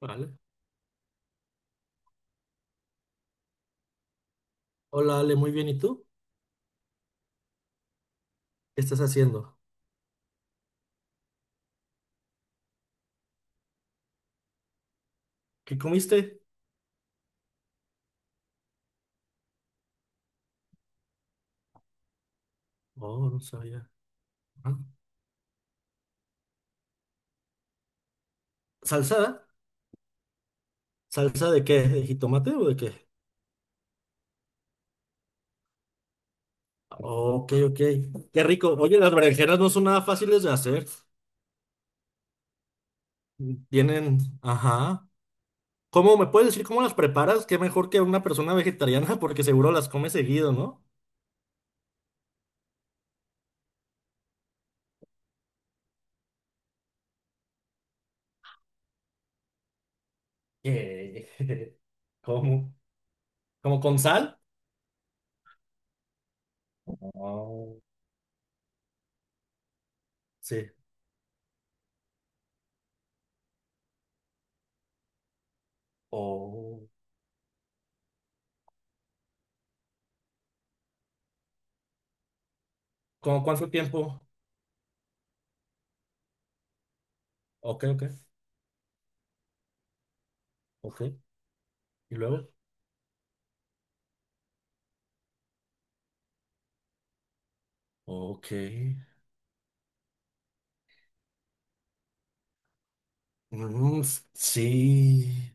Vale. Hola, Ale, muy bien. ¿Y tú? ¿Qué estás haciendo? ¿Qué comiste? Oh, no sabía. Ah. ¿Salsa? ¿Salsa de qué? ¿De jitomate o de qué? Ok, ok. Qué rico. Oye, las berenjenas no son nada fáciles de hacer. Tienen, ajá. ¿Cómo me puedes decir cómo las preparas? Qué mejor que una persona vegetariana, porque seguro las come seguido, ¿no? ¿Qué? ¿Cómo? ¿Cómo con sal? Oh. Sí. Oh. ¿Cómo cuánto tiempo? Ok, ok. Ok. ¿Y luego? Ok. Mm, sí.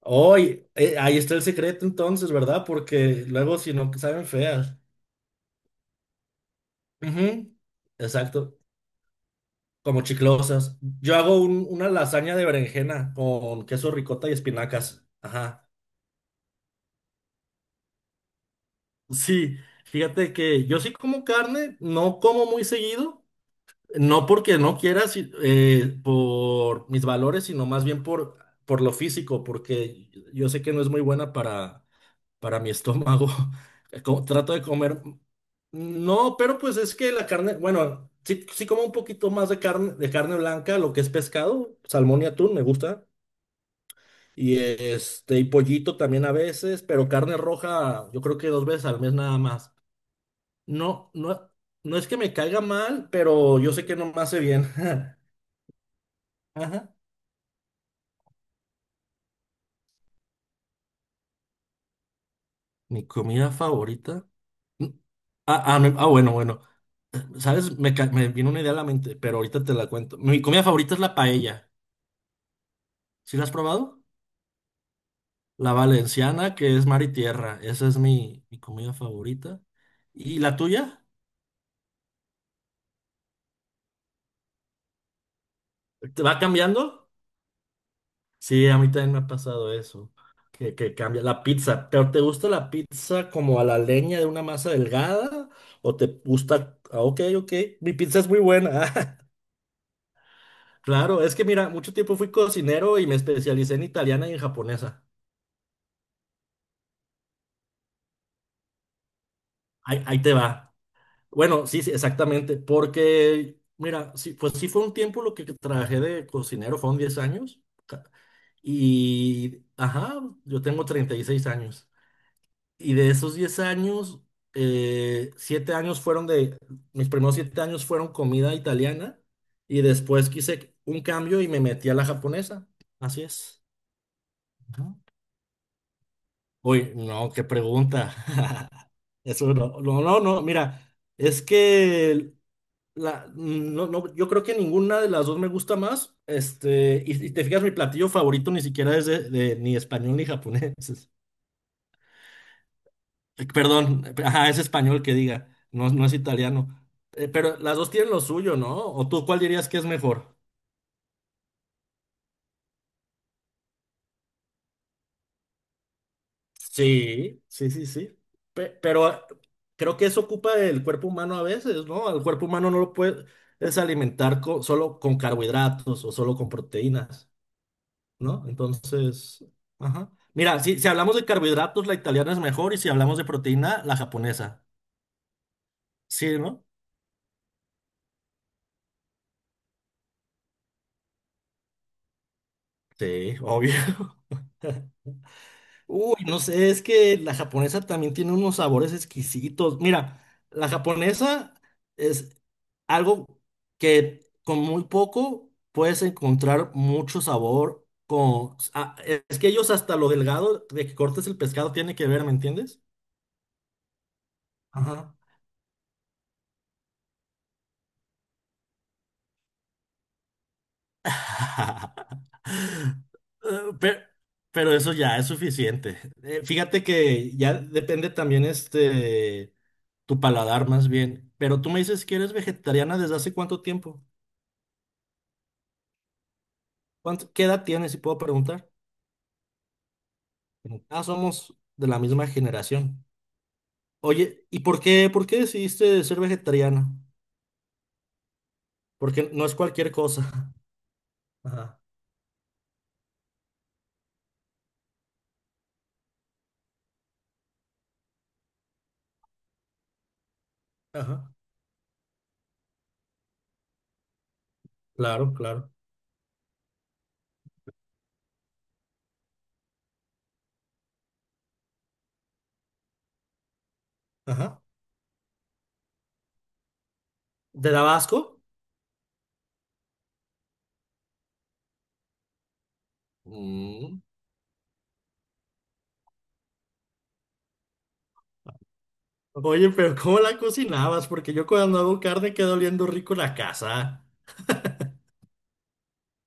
Hoy, ahí está el secreto entonces, ¿verdad? Porque luego si no, saben feas. Ujú, exacto. Como chiclosas. Yo hago una lasaña de berenjena con queso ricota y espinacas. Ajá. Sí, fíjate que yo sí como carne, no como muy seguido. No porque no quiera, por mis valores, sino más bien por lo físico, porque yo sé que no es muy buena para mi estómago. Trato de comer. No, pero pues es que la carne, bueno, sí, sí como un poquito más de carne blanca, lo que es pescado, salmón y atún, me gusta. Y pollito también a veces, pero carne roja, yo creo que dos veces al mes nada más. No, no, no es que me caiga mal, pero yo sé que no me hace bien. Ajá. Mi comida favorita. Mm, bueno, bueno. ¿Sabes? Me vino una idea a la mente, pero ahorita te la cuento. Mi comida favorita es la paella. ¿Sí la has probado? La valenciana, que es mar y tierra. Esa es mi comida favorita. ¿Y la tuya? ¿Te va cambiando? Sí, a mí también me ha pasado eso. Que cambia la pizza. ¿Pero te gusta la pizza como a la leña de una masa delgada? ¿O te gusta? Ok, ok. Mi pizza es muy buena. Claro, es que mira, mucho tiempo fui cocinero y me especialicé en italiana y en japonesa. Ahí te va. Bueno, sí, sí, exactamente, porque, mira, sí, pues sí fue un tiempo lo que trabajé de cocinero, fueron 10 años, ca- y, ajá, yo tengo 36 años, y de esos 10 años, 7 años mis primeros 7 años fueron comida italiana, y después quise un cambio y me metí a la japonesa, así es. Ajá. Uy, no, qué pregunta. Eso no, no, no, no, mira, es que no, no, yo creo que ninguna de las dos me gusta más. Y te fijas, mi platillo favorito ni siquiera es de, ni español ni japonés. Perdón, ajá, es español que diga, no, no es italiano. Pero las dos tienen lo suyo, ¿no? ¿O tú cuál dirías que es mejor? Sí, sí, sí, sí. Pero creo que eso ocupa el cuerpo humano a veces, ¿no? Al cuerpo humano no lo puedes alimentar solo con carbohidratos o solo con proteínas. ¿No? Entonces, ajá. Mira, si hablamos de carbohidratos, la italiana es mejor y si hablamos de proteína, la japonesa. Sí, ¿no? Sí, obvio. Uy, no sé, es que la japonesa también tiene unos sabores exquisitos. Mira, la japonesa es algo que con muy poco puedes encontrar mucho sabor. Es que ellos hasta lo delgado de que cortes el pescado tiene que ver, ¿me entiendes? Ajá. Eh, Pero, pero eso ya es suficiente. Fíjate que ya depende también tu paladar más bien. Pero tú me dices que eres vegetariana desde hace cuánto tiempo. Qué edad tienes, si puedo preguntar? Ah, somos de la misma generación. Oye, ¿y por qué decidiste ser vegetariana? Porque no es cualquier cosa. Ajá, ajá. Claro, claro. Ajá. ¿Te daba asco? Mm. Oye, pero ¿cómo la cocinabas? Porque yo cuando hago carne queda oliendo rico la casa.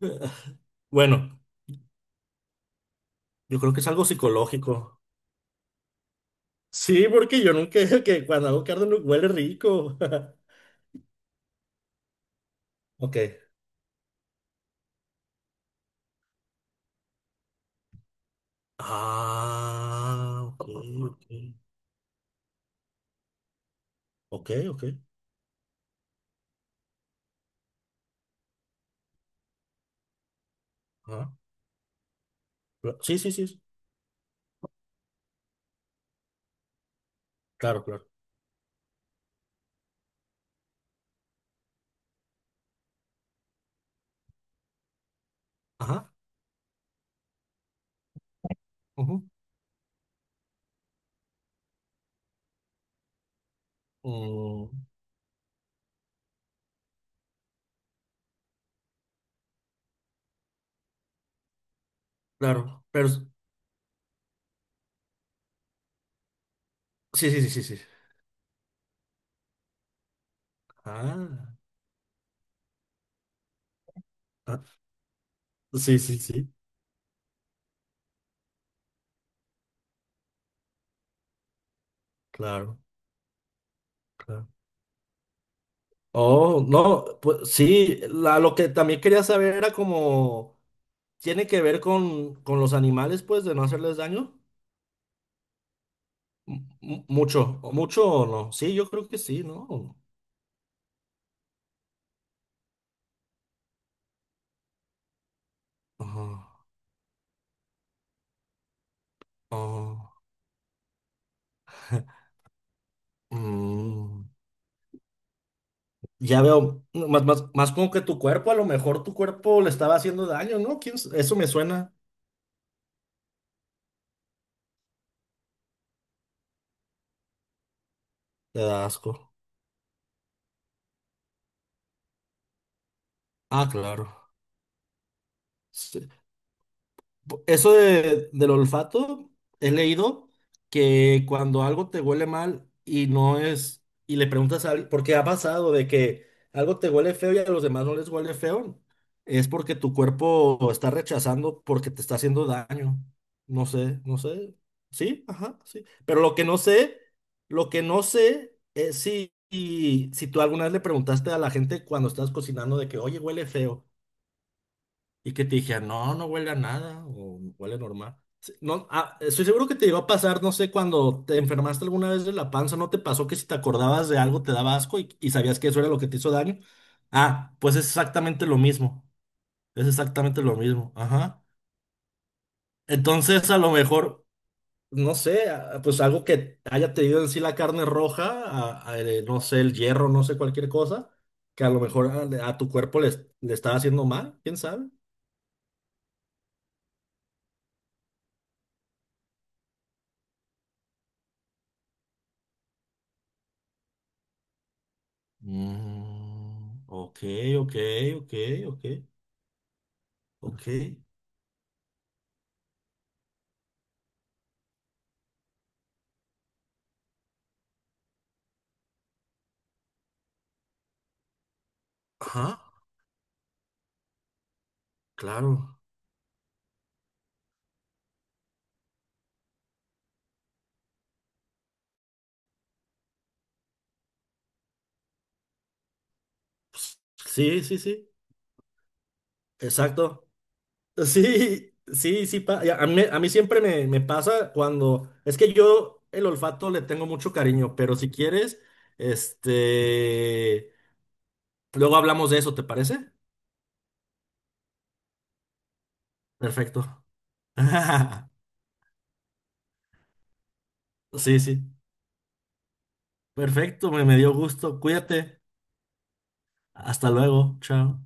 Bueno, yo creo que es algo psicológico. Sí, porque yo nunca que cuando hago carne no huele rico. Ok. Ah, ok, ok. Ok, ok. Ajá. Sí, sí, sí. Sí. Claro, claro. Ajá. Ujú. Mm, claro. Pero sí, sí, sí, sí, sí. Ah. Ah, sí, sí, sí. Claro, claro. Oh, no, pues sí, lo que también quería saber era como, ¿tiene que ver con los animales, pues, de no hacerles daño? Mucho, o mucho o no. Sí, yo creo que sí, ¿no? Ajá, ajá. Mm, ya veo, no, más, más, más como que tu cuerpo, a lo mejor tu cuerpo le estaba haciendo daño, ¿no? Eso me suena. Te da asco. Ah, claro. Sí. Eso del olfato, he leído que cuando algo te huele mal y no es, y le preguntas a alguien, porque ha pasado de que algo te huele feo y a los demás no les huele feo, es porque tu cuerpo está rechazando porque te está haciendo daño. No sé, no sé. Sí, ajá, sí. Pero lo que no sé, lo que no sé es si tú alguna vez le preguntaste a la gente cuando estás cocinando de que, oye, huele feo. Y que te dijera, no, no huele a nada, o huele normal. Sí, no, estoy seguro que te llegó a pasar, no sé, cuando te enfermaste alguna vez de la panza, ¿no te pasó que si te acordabas de algo te daba asco y sabías que eso era lo que te hizo daño? Ah, pues es exactamente lo mismo, es exactamente lo mismo, ajá. Entonces, a lo mejor, no sé, pues algo que haya tenido en sí la carne roja, no sé, el hierro, no sé, cualquier cosa, que a lo mejor a tu cuerpo le estaba haciendo mal, ¿quién sabe? Mm, ok, ok, ok, ok, ok. Ajá, claro. Sí, sí, sí. Exacto. Sí, sí, sí. Ya, a mí siempre me pasa. Es que yo el olfato le tengo mucho cariño, pero si quieres, este... luego hablamos de eso, ¿te parece? Perfecto. Sí, sí. Perfecto, me dio gusto. Cuídate. Hasta luego. Chao.